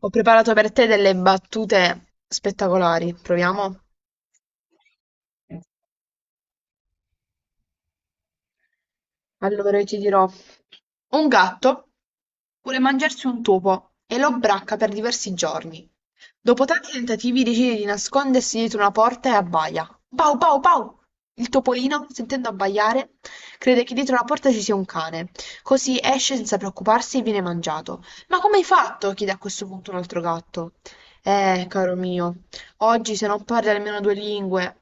Ho preparato per te delle battute spettacolari, proviamo? Allora io ti dirò. Un gatto vuole mangiarsi un topo e lo bracca per diversi giorni. Dopo tanti tentativi decide di nascondersi dietro una porta e abbaia. Pau pau pau! Il topolino, sentendo abbaiare, crede che dietro la porta ci sia un cane, così esce senza preoccuparsi e viene mangiato. Ma come hai fatto? Chiede a questo punto un altro gatto. Caro mio, oggi se non parli almeno due lingue.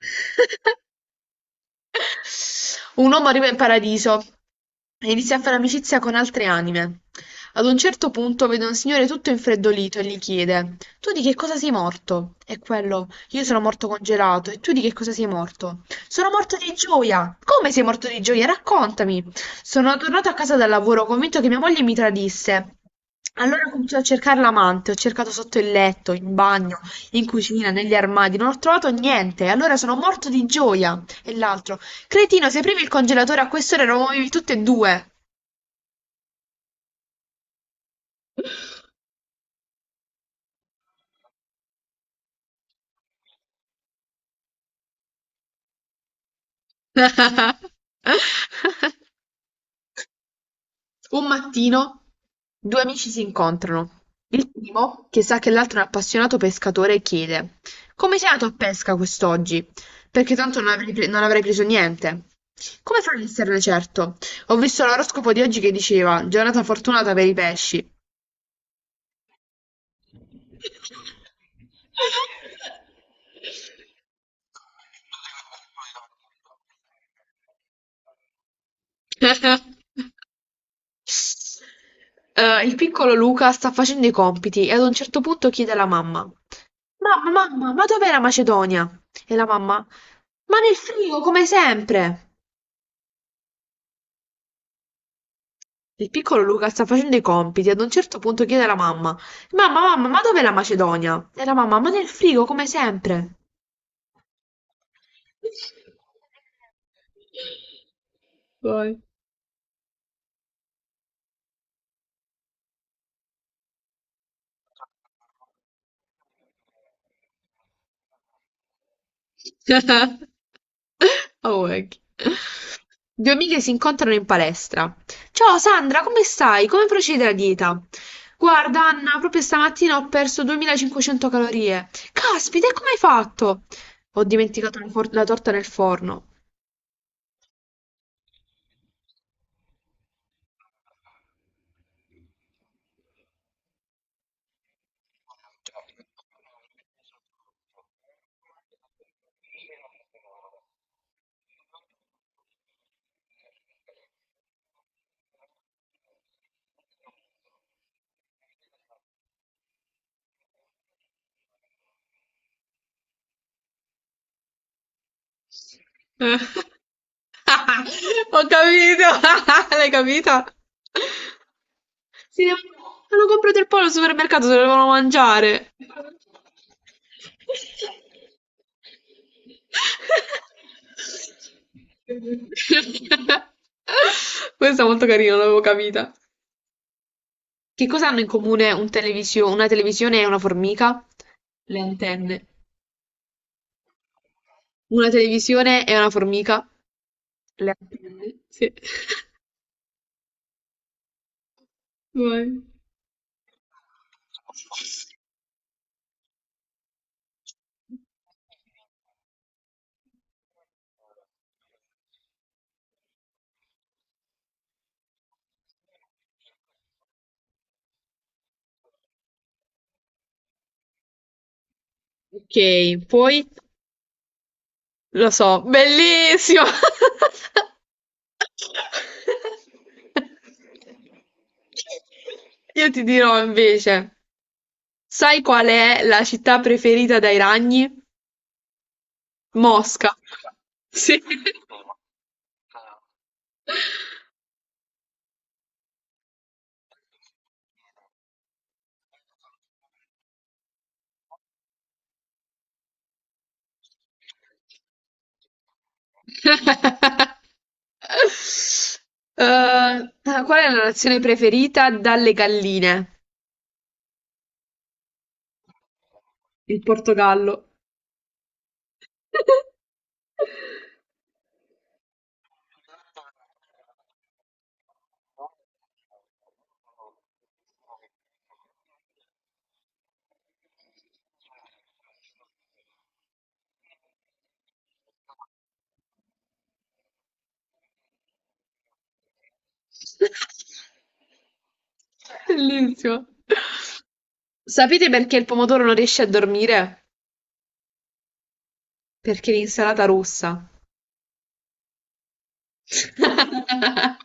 Un uomo arriva in paradiso e inizia a fare amicizia con altre anime. Ad un certo punto vede un signore tutto infreddolito e gli chiede: Tu di che cosa sei morto? E quello: Io sono morto congelato. E tu di che cosa sei morto? Sono morto di gioia. Come sei morto di gioia? Raccontami. Sono tornato a casa dal lavoro convinto che mia moglie mi tradisse. Allora ho cominciato a cercare l'amante, ho cercato sotto il letto, in bagno, in cucina, negli armadi, non ho trovato niente, allora sono morto di gioia. E l'altro. Cretino, se aprivi il congelatore a quest'ora eravamo tutti e due! Un mattino due amici si incontrano. Il primo, che sa che l'altro è un appassionato pescatore, chiede: Come sei andato a pesca quest'oggi? Perché tanto non avrei preso niente. Come farò ad esserne certo? Ho visto l'oroscopo di oggi che diceva: Giornata fortunata per i pesci. Il piccolo Luca sta facendo i compiti e ad un certo punto chiede alla mamma: Mamma, mamma, ma dov'è la Macedonia? E la mamma: Ma nel frigo, come sempre. Il piccolo Luca sta facendo i compiti e ad un certo punto chiede alla mamma: Mamma, mamma, ma dov'è la Macedonia? E la mamma: Ma nel frigo, come sempre. Vai. Awake. Due amiche si incontrano in palestra. Ciao Sandra, come stai? Come procede la dieta? Guarda Anna, proprio stamattina ho perso 2500 calorie. Caspita, e come hai fatto? Ho dimenticato la torta nel forno. Ho capito, l'hai capita? Hanno comprato il pollo al supermercato, se lo devono mangiare. Questa è molto carina, non l'avevo capita. Che cosa hanno in comune una televisione e una formica? Le antenne. Una televisione e una formica? Le antenne. Sì. Vai. Ok, poi lo so, bellissimo! Io ti dirò invece, sai qual è la città preferita dai ragni? Mosca. Sì. Qual è la nazione preferita dalle galline? Il Portogallo. Bellissimo. Sapete perché il pomodoro non riesce a dormire? Perché l'insalata rossa.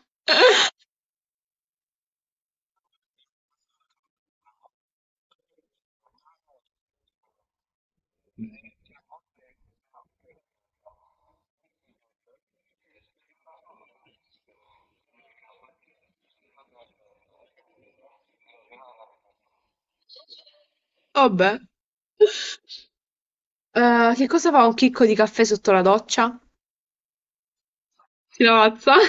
Vabbè. Che cosa fa un chicco di caffè sotto la doccia? Si lavazza.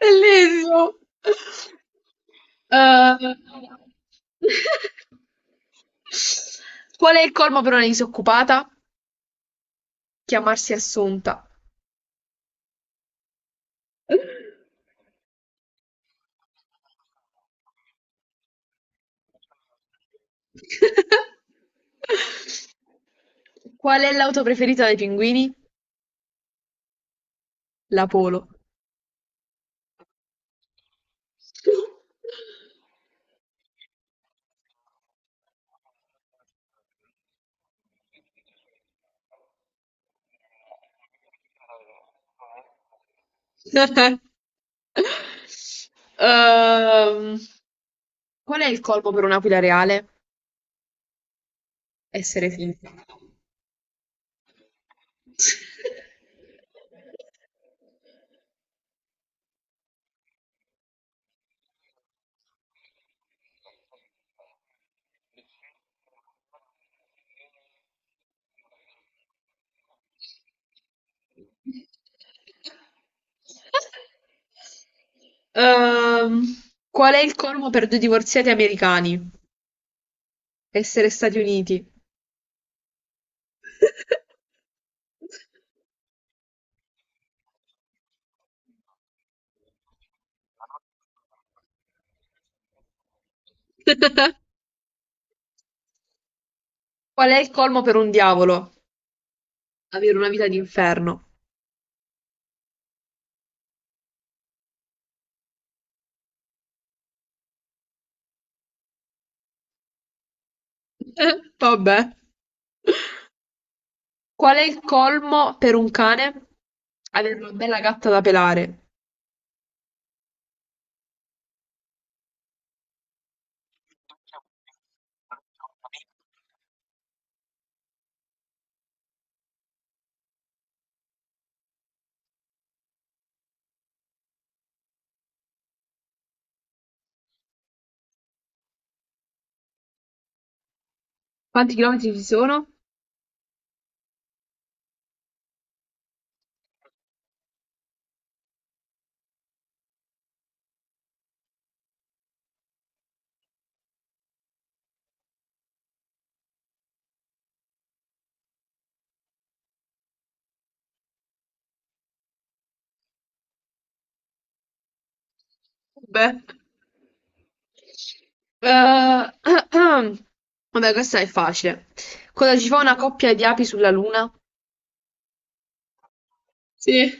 Bellissimo. Eh, Qual è il colmo per una disoccupata? Chiamarsi Assunta. Qual è l'auto preferita dei pinguini? La Polo. Ehm, Qual è il colmo per un'aquila reale? Essere finta. Ehm, Qual è il colmo per due divorziati americani? Essere Stati Uniti. Qual è il colmo per un diavolo? Avere una vita d'inferno. Vabbè. Qual è il colmo per un cane? Avere una bella gatta da pelare. Quanti chilometri ci sono? Beh. Eh, Vabbè, questa è facile. Cosa ci fa una coppia di api sulla luna? Sì.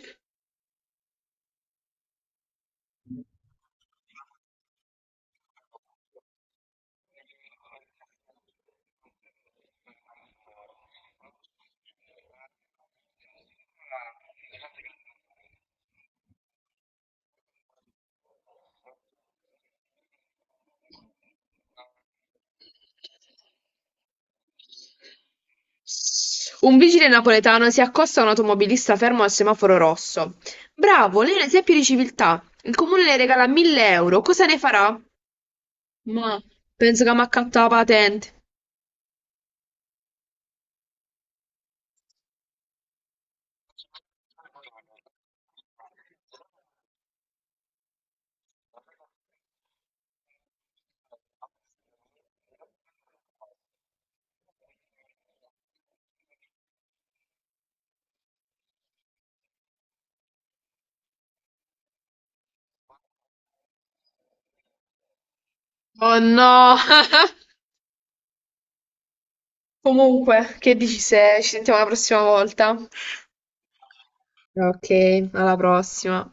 Un vigile napoletano si accosta a un automobilista fermo al semaforo rosso. Bravo, lei è un esempio di civiltà. Il comune le regala 1000 euro. Cosa ne farà? Ma penso che mi accatta la patente. Oh no! Comunque, che dici se ci sentiamo la prossima volta? Ok, alla prossima.